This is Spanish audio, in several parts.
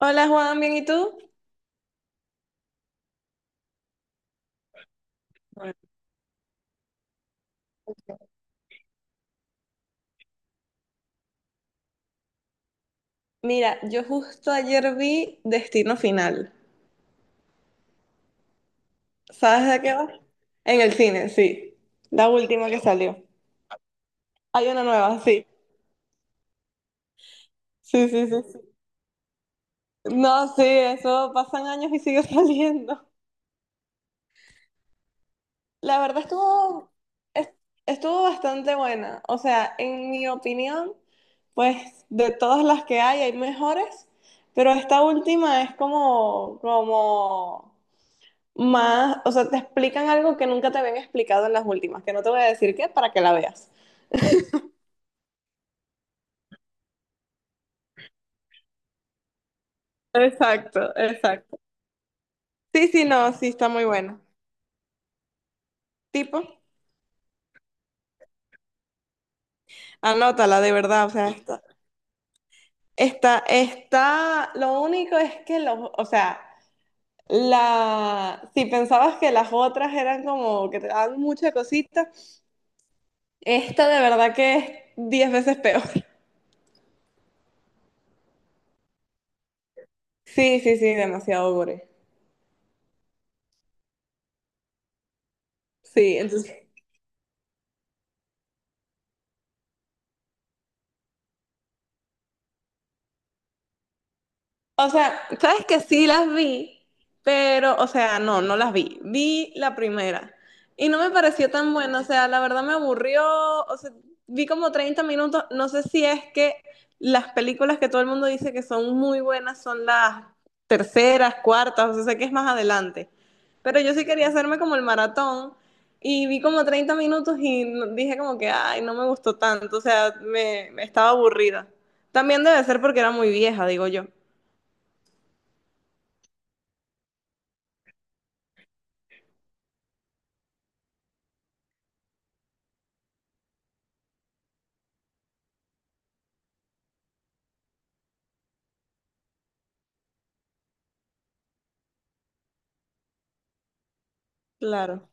Hola Juan, ¿bien y tú? Hola. Mira, yo justo ayer vi Destino Final. ¿Sabes de qué va? En el cine, sí. La última que salió. Hay una nueva, sí. Sí, sí, sí, sí. No, sí, eso pasan años y sigue saliendo. La verdad estuvo, es- estuvo bastante buena. O sea, en mi opinión, pues de todas las que hay mejores, pero esta última es como más, o sea, te explican algo que nunca te habían explicado en las últimas, que no te voy a decir qué para que la veas. Exacto, exacto. Sí, sí, no, sí, está muy buena. Tipo, anótala de verdad, o sea, está, está, lo único es que los, o sea, la, si pensabas que las otras eran como que te daban mucha cosita, esta de verdad que es 10 veces peor. Sí, sí, sí, demasiado gore. Sí, entonces o sea, sabes que sí las vi, pero, o sea, no, no las vi. Vi la primera y no me pareció tan buena, o sea, la verdad me aburrió, o sea, vi como 30 minutos, no sé si es que las películas que todo el mundo dice que son muy buenas son las terceras, cuartas, o sea, sé que es más adelante, pero yo sí quería hacerme como el maratón y vi como 30 minutos y dije como que, ay, no me gustó tanto, o sea, me estaba aburrida. También debe ser porque era muy vieja, digo yo. Claro.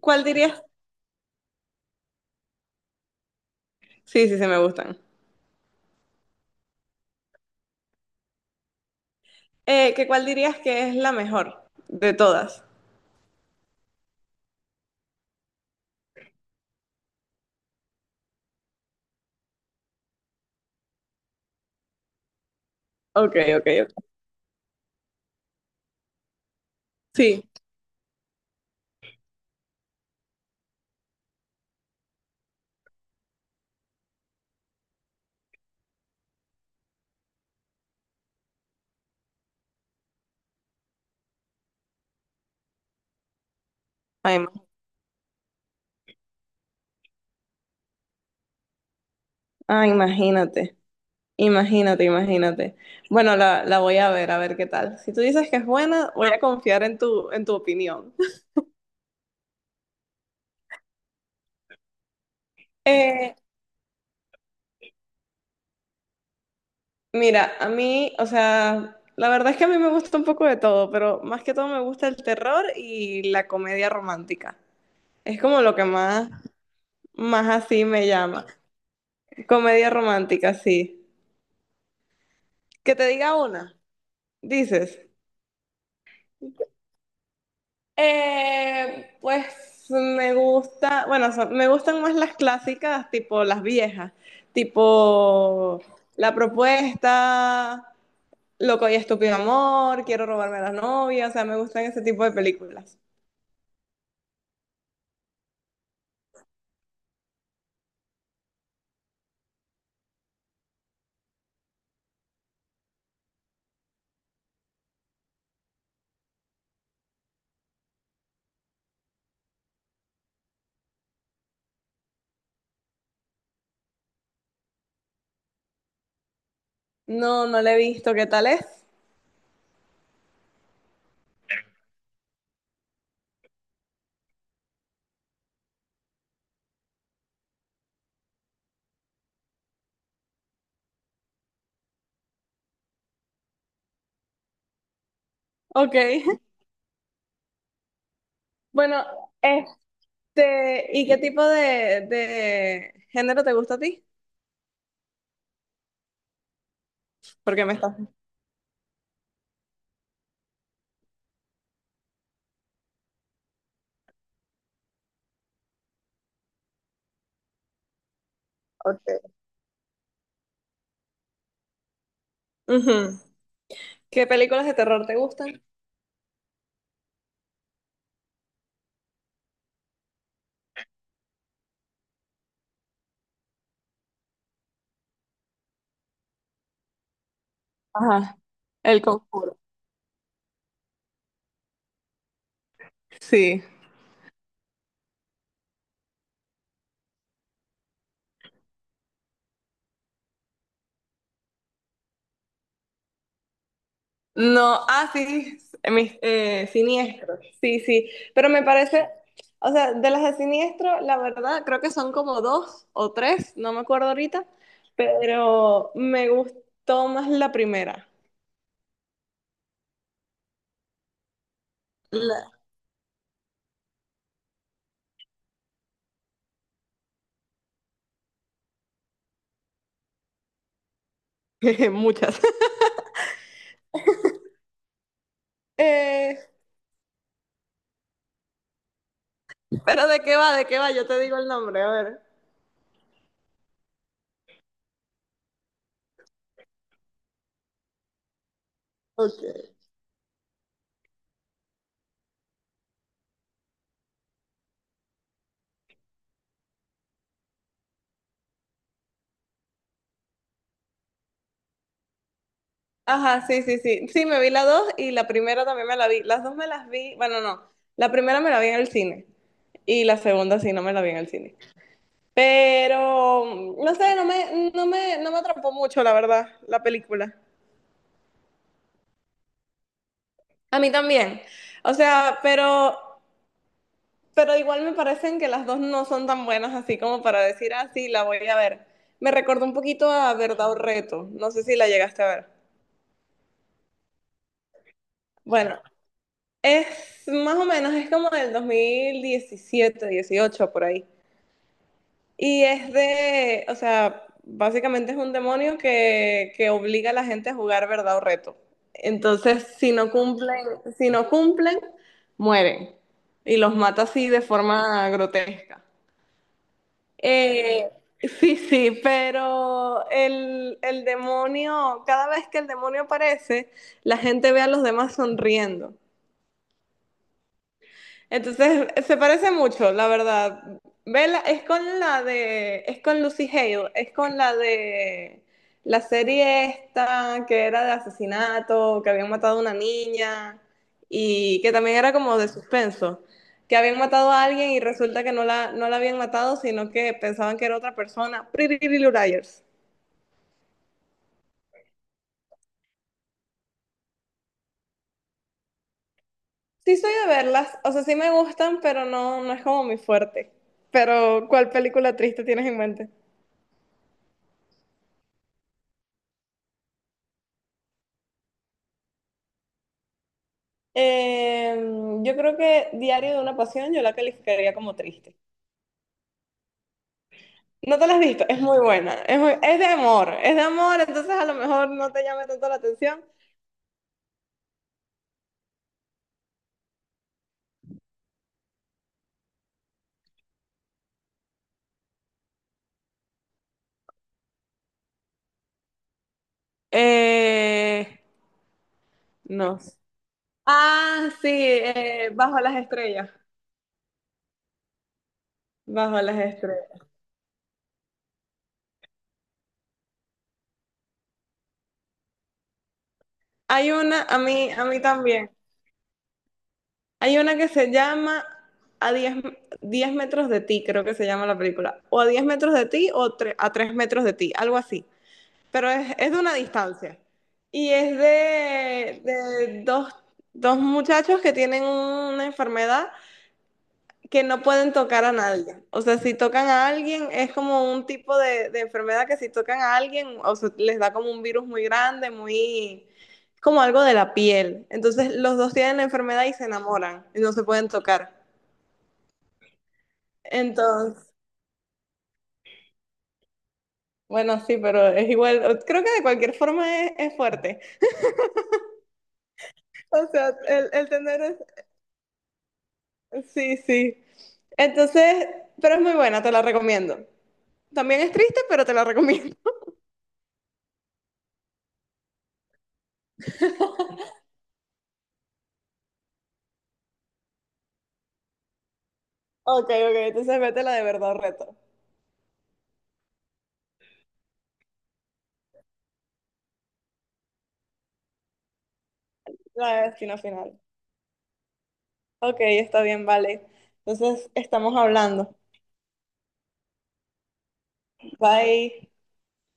¿Cuál dirías? Sí, sí, sí, me gustan. ¿Qué cuál dirías que es la mejor de todas? Ok, ok, ok. Sí. Ay, ah, imagínate, imagínate, imagínate. Bueno, la voy a ver qué tal. Si tú dices que es buena, voy a confiar en tu opinión. Eh, Mira, a mí, o sea, la verdad es que a mí me gusta un poco de todo, pero más que todo me gusta el terror y la comedia romántica. Es como lo que más así me llama. Comedia romántica, sí. Que te diga una, dices. Pues me gusta, bueno, me gustan más las clásicas, tipo las viejas, tipo La Propuesta, Loco y Estúpido Amor, Quiero robarme a la novia, o sea, me gustan ese tipo de películas. No, no la he visto, ¿qué tal es? Ok. Bueno, ¿y qué tipo de género te gusta a ti? Porque me estás. Ok. Ujú. ¿Qué películas de terror te gustan? Ajá, El Conjuro. Sí. No, ah, sí, siniestros. Sí, sí, pero me parece, o sea, de las de siniestro, la verdad, creo que son como dos o tres, no me acuerdo ahorita, pero me gustó más la primera. La- Muchas. Eh, pero ¿de qué va? ¿De qué va? Yo te digo el nombre, a ver. Ok. Ajá, sí, sí, sí. Sí, me vi la dos y la primera también me la vi. Las dos me las vi, bueno, no. La primera me la vi en el cine y la segunda sí, no me la vi en el cine. Pero, no sé, no me atrapó mucho, la verdad, la película. A mí también. O sea, pero igual me parecen que las dos no son tan buenas así como para decir, ah, sí, la voy a ver. Me recordó un poquito a Verdad o Reto. No sé si la llegaste a ver. Bueno, es más o menos, es como del 2017 18 por ahí. Y es de, o sea, básicamente es un demonio que obliga a la gente a jugar verdad o reto. Entonces, si no cumplen, si no cumplen, mueren. Y los mata así de forma grotesca. Eh, sí, sí, pero el demonio, cada vez que el demonio aparece, la gente ve a los demás sonriendo. Entonces, se parece mucho, la verdad. Vela es con la de, es con Lucy Hale, es con la de la serie esta que era de asesinato, que habían matado a una niña y que también era como de suspenso, que habían matado a alguien y resulta que no la habían matado, sino que pensaban que era otra persona. Pretty Little Liars. Sí soy de verlas, o sea, sí me gustan, pero no, no es como mi fuerte. Pero, ¿cuál película triste tienes en mente? Eh, yo creo que Diario de una Pasión yo la calificaría como triste. No te la has visto, es muy buena, es de amor, entonces a lo mejor no te llame tanto la atención. Eh, no. Ah, sí, Bajo las estrellas, Bajo las estrellas. Hay una, a mí también, hay una que se llama A diez metros de ti, creo que se llama la película, o a 10 metros de ti o a 3 metros de ti, algo así. Pero es, de una distancia. Y es de dos muchachos que tienen una enfermedad que no pueden tocar a nadie. O sea, si tocan a alguien, es como un tipo de enfermedad que si tocan a alguien, o sea, les da como un virus muy grande, muy, como algo de la piel. Entonces, los dos tienen la enfermedad y se enamoran y no se pueden tocar. Entonces, bueno, sí, pero es igual, creo que de cualquier forma es fuerte. O sea, el tener. Sí, sí. Entonces, pero es muy buena, te la recomiendo. También es triste, pero te la recomiendo. Ok, ok, entonces vete la de verdad reto, la de Destino Final. Ok, está bien, vale. Entonces, estamos hablando. Bye.